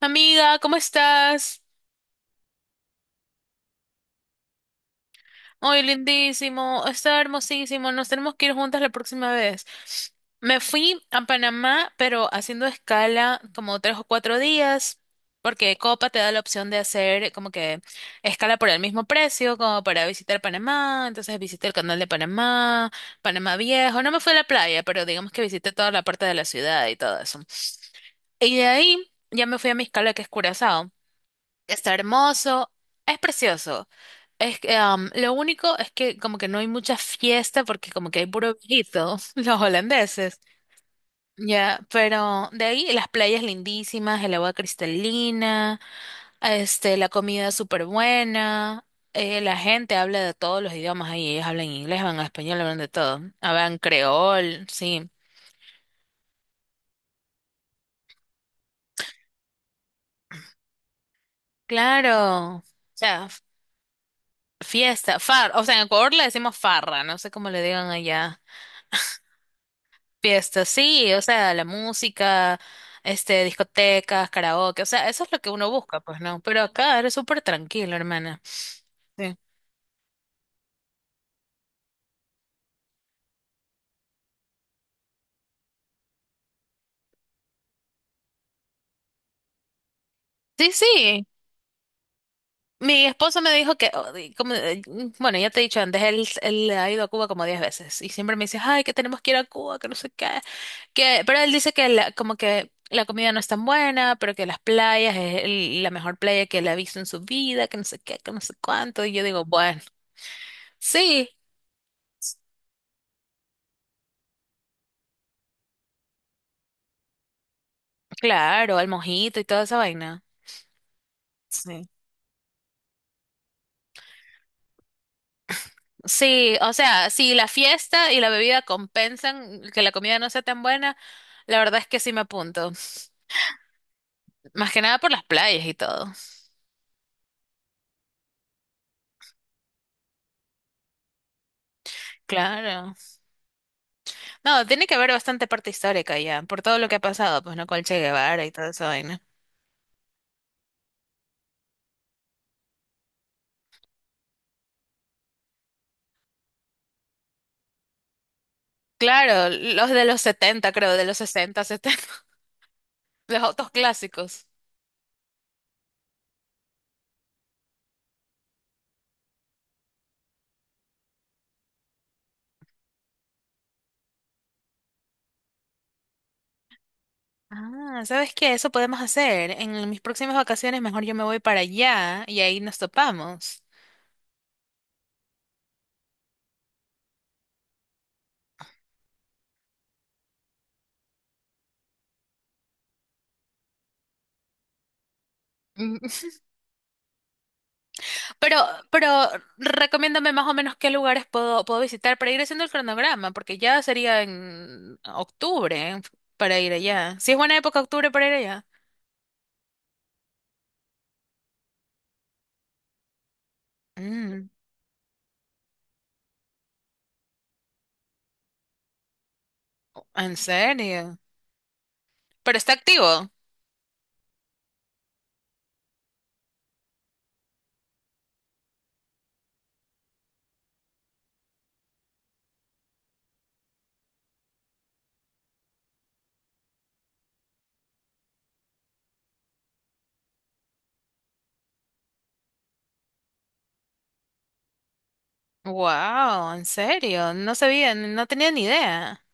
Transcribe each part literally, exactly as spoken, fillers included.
Amiga, ¿cómo estás? Hoy lindísimo, está hermosísimo, nos tenemos que ir juntas la próxima vez. Me fui a Panamá, pero haciendo escala como tres o cuatro días, porque Copa te da la opción de hacer como que escala por el mismo precio, como para visitar Panamá, entonces visité el canal de Panamá, Panamá Viejo, no me fui a la playa, pero digamos que visité toda la parte de la ciudad y todo eso. Y de ahí ya me fui a mi escala que es Curazao. Está hermoso, es precioso. Es que, am, lo único es que como que no hay mucha fiesta porque como que hay puro viejito, los holandeses. Ya, pero de ahí las playas lindísimas, el agua cristalina, este, la comida súper buena, eh, la gente habla de todos los idiomas ahí, ellos hablan inglés, hablan español, hablan de todo, hablan creol, sí, claro, o sea, f- fiesta, far, o sea, en Ecuador le decimos farra, no sé cómo le digan allá. Fiestas, sí, o sea, la música, este, discotecas, karaoke, o sea, eso es lo que uno busca, pues no, pero acá eres súper tranquilo, hermana. Sí. Sí, sí. Mi esposo me dijo que, oh, y como, eh, bueno, ya te he dicho antes, él, él ha ido a Cuba como diez veces y siempre me dice, ay, que tenemos que ir a Cuba, que no sé qué, que, pero él dice que la- como que la comida no es tan buena, pero que las playas es el- la mejor playa que él ha visto en su vida, que no sé qué, que no sé cuánto, y yo digo, bueno, sí, claro, el mojito y toda esa vaina. Sí. Sí, o sea, si la fiesta y la bebida compensan que la comida no sea tan buena, la verdad es que sí me apunto. Más que nada por las playas y todo. Claro. No, tiene que haber bastante parte histórica ya, por todo lo que ha pasado, pues no, con Che Guevara y toda esa vaina. Claro, los de los setenta, creo, de los sesenta, setenta, los autos clásicos. Ah, ¿sabes qué? Eso podemos hacer. En mis próximas vacaciones, mejor yo me voy para allá y ahí nos topamos. Pero, pero recomiéndame más o menos qué lugares puedo, puedo visitar para ir haciendo el cronograma, porque ya sería en octubre para ir allá. Si es buena época octubre para ir allá. Mm, ¿en serio? Pero está activo. Wow, en serio, no sabía, no tenía ni idea.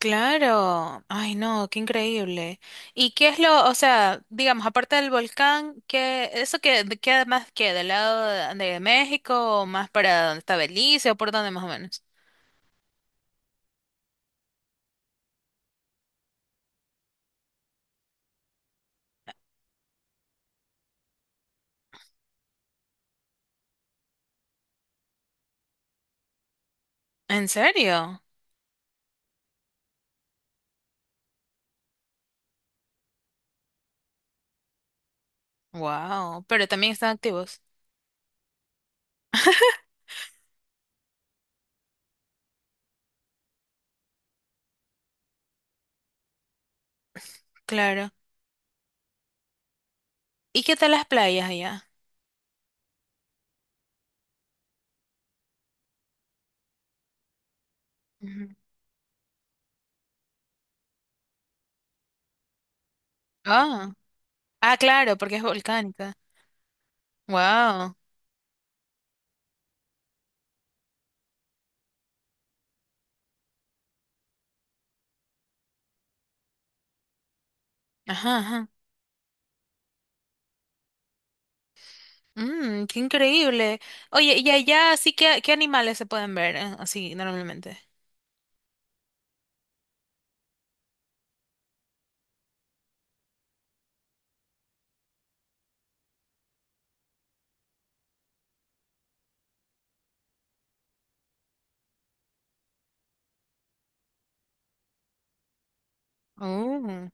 Claro, ay no, qué increíble. ¿Y qué es lo, o sea, digamos, aparte del volcán, qué, eso que de ¿qué más queda del lado de de México, o más para donde está Belice o por dónde más o menos? ¿En serio? Wow, pero también están activos. Claro. ¿Y qué tal las playas allá? Ujú. Ah, ah, claro, porque es volcánica. Wow. Ajá, ajá. Mm, qué increíble. Oye, y allá sí que qué animales se pueden ver eh, así normalmente. Uh,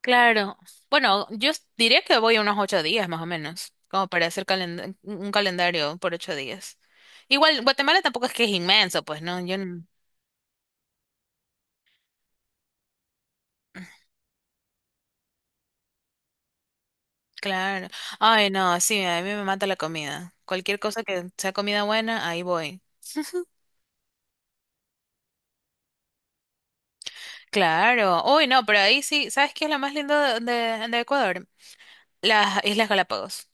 claro. Bueno, yo s- diría que voy unos ocho días más o menos, como para hacer calen- un un calendario por ocho días. Igual, Guatemala tampoco es que es inmenso, pues, ¿no? Yo no- Claro. Ay, no, sí, a mí me mata la comida. Cualquier cosa que sea comida buena, ahí voy. Claro. Uy, no, pero ahí sí, ¿sabes qué es lo más lindo de, de- de Ecuador? Las Islas Galápagos.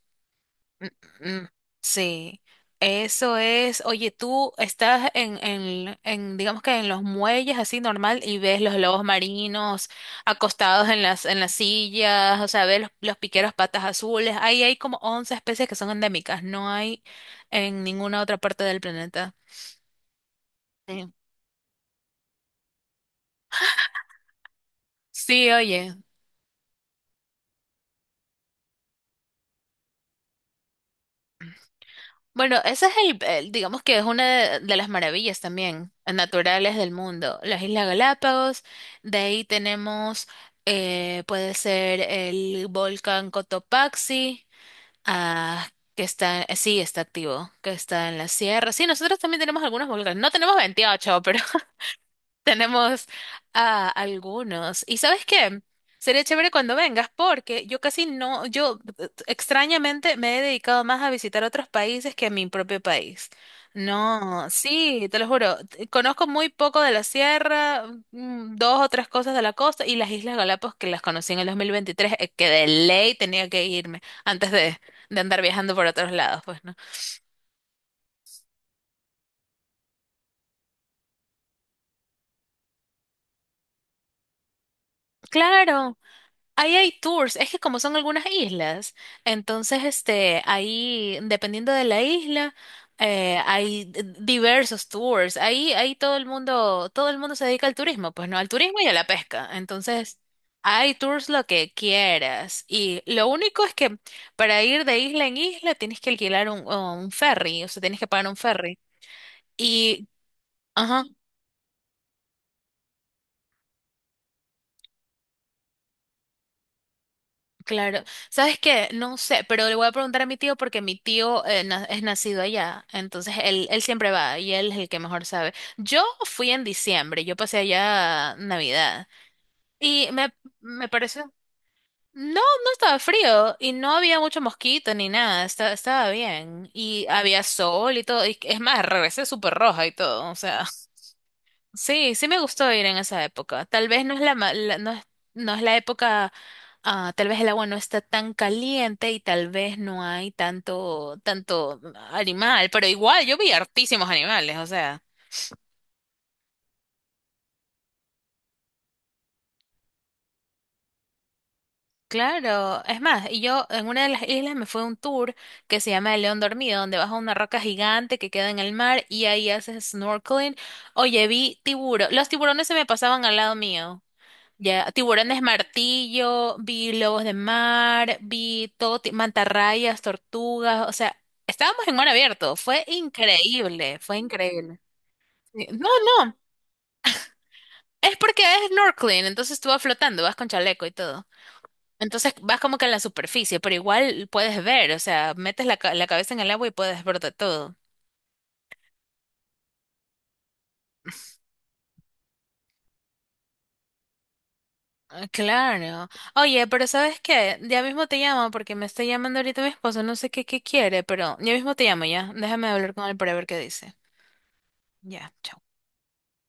Mm, mm, mm. Sí. Eso es, oye, tú estás en, en, en, digamos que en los muelles así normal y ves los lobos marinos acostados en las, en las sillas, o sea, ves los, los piqueros patas azules. Ahí hay como once especies que son endémicas, no hay en ninguna otra parte del planeta. Sí, sí, oye. Bueno, ese es el, el- digamos que es una de, de las maravillas también eh, naturales del mundo, las Islas Galápagos. De ahí tenemos, eh, puede ser el volcán Cotopaxi, ah, que está, eh, sí, está activo, que está en la sierra. Sí, nosotros también tenemos algunos volcanes. No tenemos veintiocho, pero tenemos a algunos. ¿Y sabes qué? Sería chévere cuando vengas porque yo casi no, yo eh, extrañamente me he dedicado más a visitar otros países que a mi propio país. No, sí, te lo juro. t- Conozco muy poco de la sierra, mm, dos o tres cosas de la costa y las Islas Galápagos que las conocí en el dos mil veintitrés, eh, que de ley tenía que irme antes de, de andar viajando por otros lados, pues, ¿no? Claro. Ahí hay tours, es que como son algunas islas, entonces este, ahí, dependiendo de la isla, eh, hay d- diversos tours. Ahí, ahí todo el mundo, todo el mundo se dedica al turismo, pues no, al turismo y a la pesca. Entonces, hay tours lo que quieras. Y lo único es que para ir de isla en isla tienes que alquilar un, un ferry, o sea, tienes que pagar un ferry. Y, ajá. Claro, ¿sabes qué? No sé, pero le voy a preguntar a mi tío porque mi tío eh, na- es nacido allá, entonces él, él siempre va y él es el que mejor sabe. Yo fui en diciembre, yo pasé allá Navidad y me, me pareció, no, no estaba frío y no había mucho mosquito ni nada, esta- estaba bien y había sol y todo, y es más, regresé súper roja y todo, o sea. Sí, sí me gustó ir en esa época. Tal vez no es la, ma- la- no es, no es la época, ah, tal vez el agua no está tan caliente y tal vez no hay tanto, tanto animal, pero igual yo vi hartísimos animales, o sea. Claro, es más, y yo en una de las islas me fue un tour que se llama El León Dormido, donde vas a una roca gigante que queda en el mar y ahí haces snorkeling. Oye, vi tiburón, los tiburones se me pasaban al lado mío. Ya, tiburones martillo, vi lobos de mar, vi todo, ti- mantarrayas, tortugas, o sea, estábamos en mar abierto, fue increíble, fue increíble. Sí, no, no, es porque es snorkeling, entonces tú vas flotando, vas con chaleco y todo. Entonces vas como que en la superficie, pero igual puedes ver, o sea, metes la, ca- la cabeza en el agua y puedes ver de todo. Ah, claro. Oye, pero ¿sabes qué? Ya mismo te llamo porque me está llamando ahorita mi esposo, no sé qué, qué quiere, pero ya mismo te llamo ya. Déjame hablar con él para ver qué dice. Ya, chao.